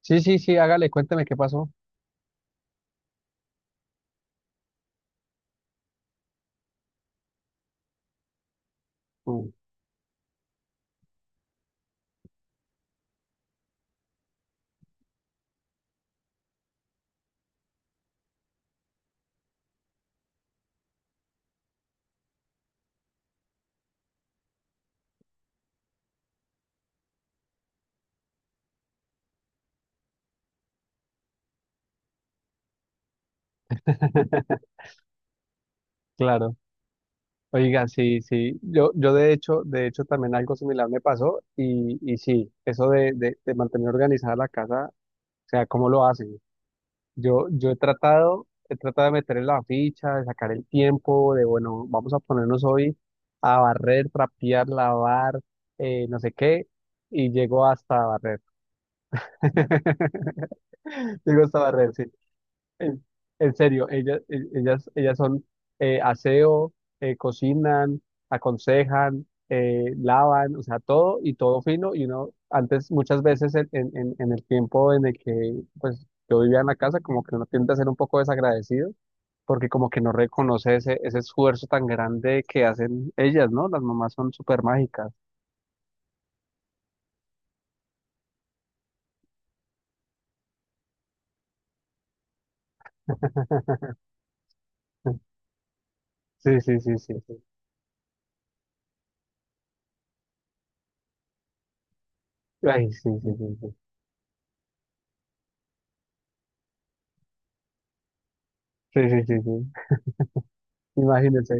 Sí, sí, sí, hágale, cuénteme qué pasó. Mm. Claro. Oiga, sí, sí. Yo de hecho también algo similar me pasó y sí, eso de mantener organizada la casa, o sea, ¿cómo lo hacen? Yo he tratado de meterle la ficha, de sacar el tiempo, de bueno, vamos a ponernos hoy a barrer, trapear, lavar, no sé qué, y llego hasta barrer. Llego hasta barrer, sí. En, en serio, ellas, ellas, ellas son aseo, cocinan, aconsejan, lavan, o sea, todo y todo fino. Y uno, antes, muchas veces en, en el tiempo en el que pues yo vivía en la casa, como que uno tiende a ser un poco desagradecido, porque como que no reconoce ese, ese esfuerzo tan grande que hacen ellas, ¿no? Las mamás son súper mágicas. Sí, sí, sí, sí, sí. Ay, sí, sí, sí, sí. Sí, sí, sí, sí. Imagínense.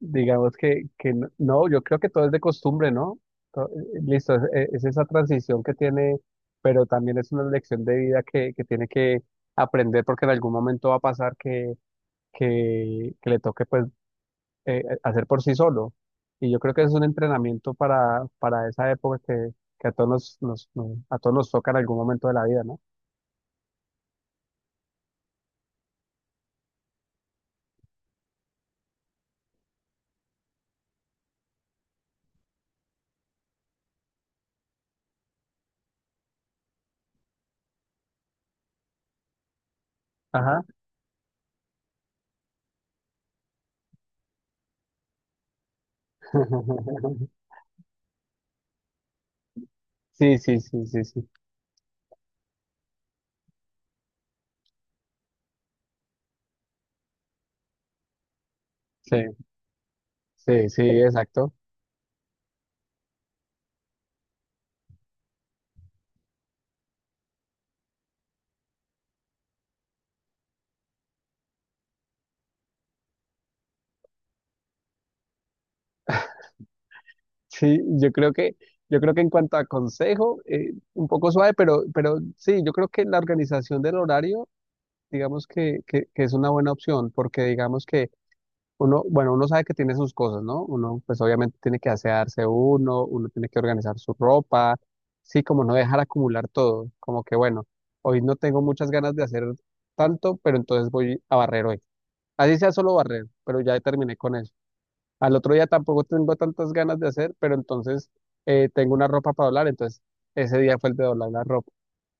Digamos que no, no, yo creo que todo es de costumbre, ¿no? Listo, es esa transición que tiene, pero también es una lección de vida que tiene que aprender porque en algún momento va a pasar que le toque pues hacer por sí solo. Y yo creo que es un entrenamiento para esa época que a todos nos, a todos nos toca en algún momento de la vida, ¿no? Ajá. Sí, sí, sí, sí, sí. Sí, sí, sí, exacto. Sí, yo creo que en cuanto a consejo, un poco suave, pero sí, yo creo que la organización del horario, digamos que es una buena opción, porque digamos que uno, bueno, uno sabe que tiene sus cosas, ¿no? Uno, pues obviamente tiene que asearse uno, uno tiene que organizar su ropa, sí, como no dejar acumular todo, como que bueno, hoy no tengo muchas ganas de hacer tanto, pero entonces voy a barrer hoy. Así sea solo barrer, pero ya terminé con eso. Al otro día tampoco tengo tantas ganas de hacer, pero entonces tengo una ropa para doblar, entonces ese día fue el de doblar la ropa,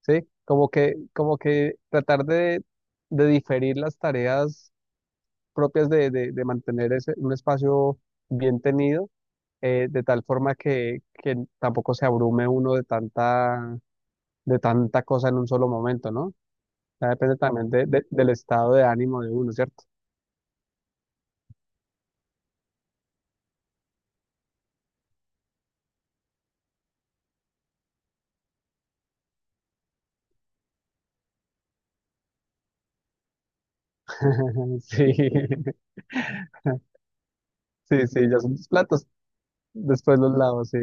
¿sí? Como que tratar de diferir las tareas propias de mantener ese, un espacio bien tenido, de tal forma que tampoco se abrume uno de tanta cosa en un solo momento, ¿no? Ya depende también del estado de ánimo de uno, ¿cierto? Sí, sí, sí, ya son los platos, después los lavos, sí.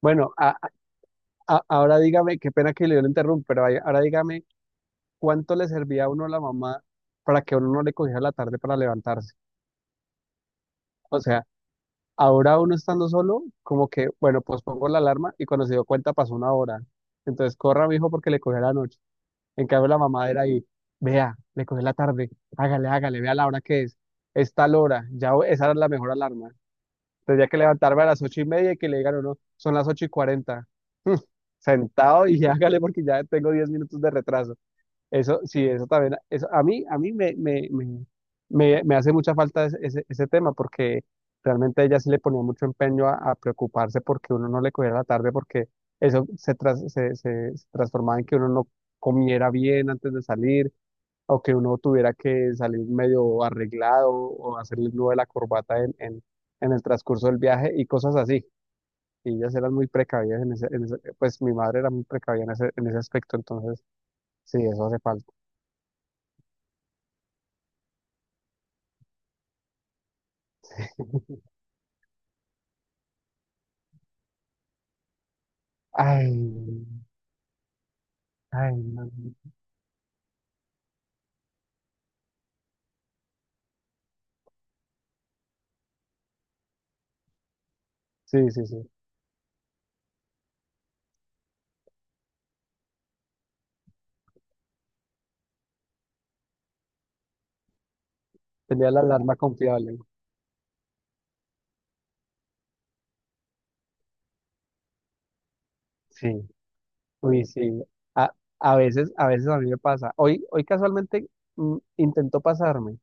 Bueno, ahora dígame, qué pena que le lo interrumpa, pero ahora dígame, ¿cuánto le servía a uno la mamá para que uno no le cogiera la tarde para levantarse? O sea, ahora uno estando solo, como que, bueno, pues pongo la alarma y cuando se dio cuenta pasó una hora. Entonces, corra, mijo, porque le cogió la noche. En cambio, la mamá era ahí, vea, le cogió la tarde, hágale, hágale, vea la hora que es tal hora, ya esa era la mejor alarma. Tendría que levantarme a las 8:30 y que le digan, no, son las 8:40. Sentado y hágale porque ya tengo 10 minutos de retraso. Eso, sí, eso también, eso, a mí me hace mucha falta ese, ese, ese tema porque realmente ella sí le ponía mucho empeño a preocuparse porque uno no le cogiera la tarde porque eso se, se, se transformaba en que uno no comiera bien antes de salir, o que uno tuviera que salir medio arreglado o hacerle el nudo de la corbata en el transcurso del viaje y cosas así. Y ellas eran muy precavidas en ese, pues mi madre era muy precavida en ese aspecto, entonces sí, eso hace falta. Ay, ay, no. Sí, sí, sí. Tenía la alarma confiable. Sí, uy, sí. A, a veces, a veces a mí me pasa. Hoy, hoy casualmente intentó pasarme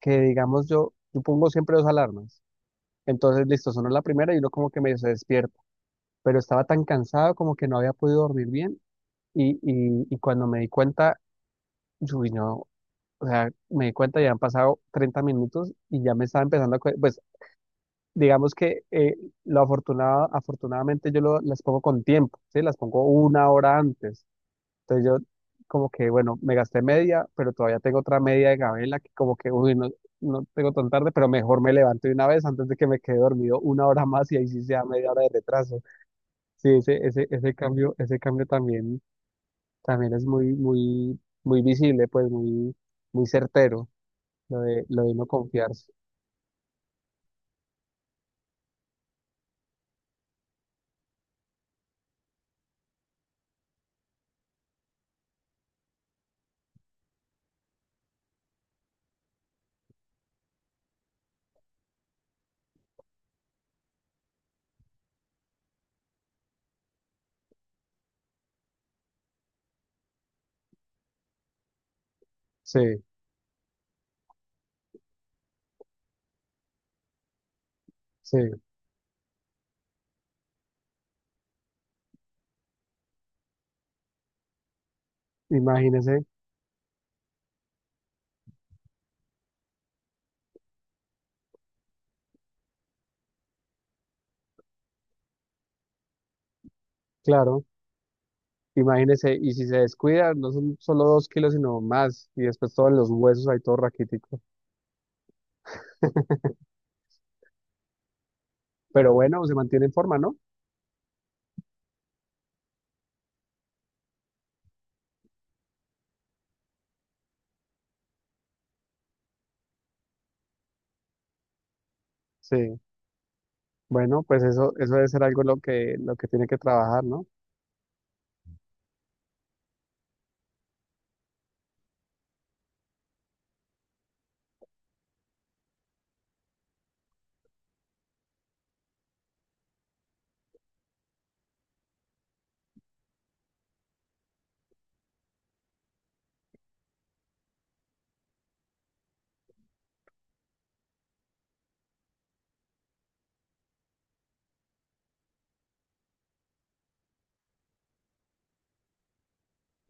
que digamos yo, yo pongo siempre dos alarmas. Entonces, listo, sonó la primera y uno como que me despierta pero estaba tan cansado como que no había podido dormir bien y cuando me di cuenta, uy, no, o sea, me di cuenta ya han pasado 30 minutos y ya me estaba empezando a, pues digamos que lo afortunado, afortunadamente las pongo con tiempo, ¿sí? Las pongo una hora antes. Entonces yo como que, bueno, me gasté media, pero todavía tengo otra media de gabela que como que, uy, no, no tengo tan tarde, pero mejor me levanto de una vez antes de que me quede dormido una hora más y ahí sí sea media hora de retraso. Sí, ese, ese cambio también, también es muy, muy, muy visible, pues muy, muy certero, lo de no confiarse. Sí, sí, imagínese, claro, imagínese, y si se descuida, no son solo 2 kilos, sino más, y después todos los huesos ahí todo raquítico. Pero bueno, se mantiene en forma, ¿no? Sí, bueno, pues eso debe ser algo lo que tiene que trabajar, ¿no?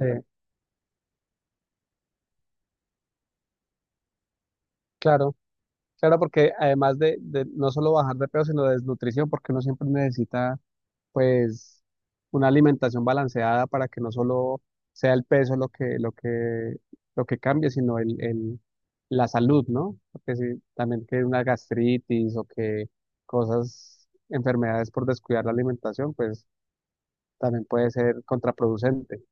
Eh, claro, claro, porque además de no solo bajar de peso, sino de desnutrición, porque uno siempre necesita pues una alimentación balanceada para que no solo sea el peso lo que, lo que, lo que cambie, sino el, la salud, ¿no? Porque si también que una gastritis o que cosas, enfermedades por descuidar la alimentación, pues también puede ser contraproducente.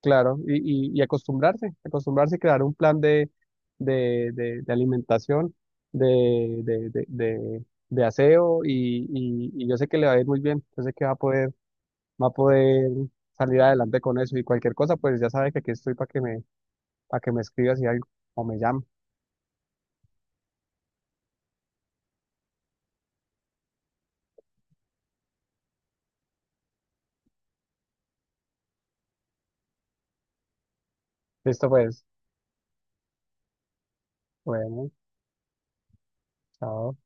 Claro, y acostumbrarse, acostumbrarse y crear un plan de alimentación, de, de aseo, y yo sé que le va a ir muy bien, yo sé que va a poder salir adelante con eso y cualquier cosa, pues ya sabes que aquí estoy para que me escribas y algo o me llames. Listo, pues. Bueno, chao.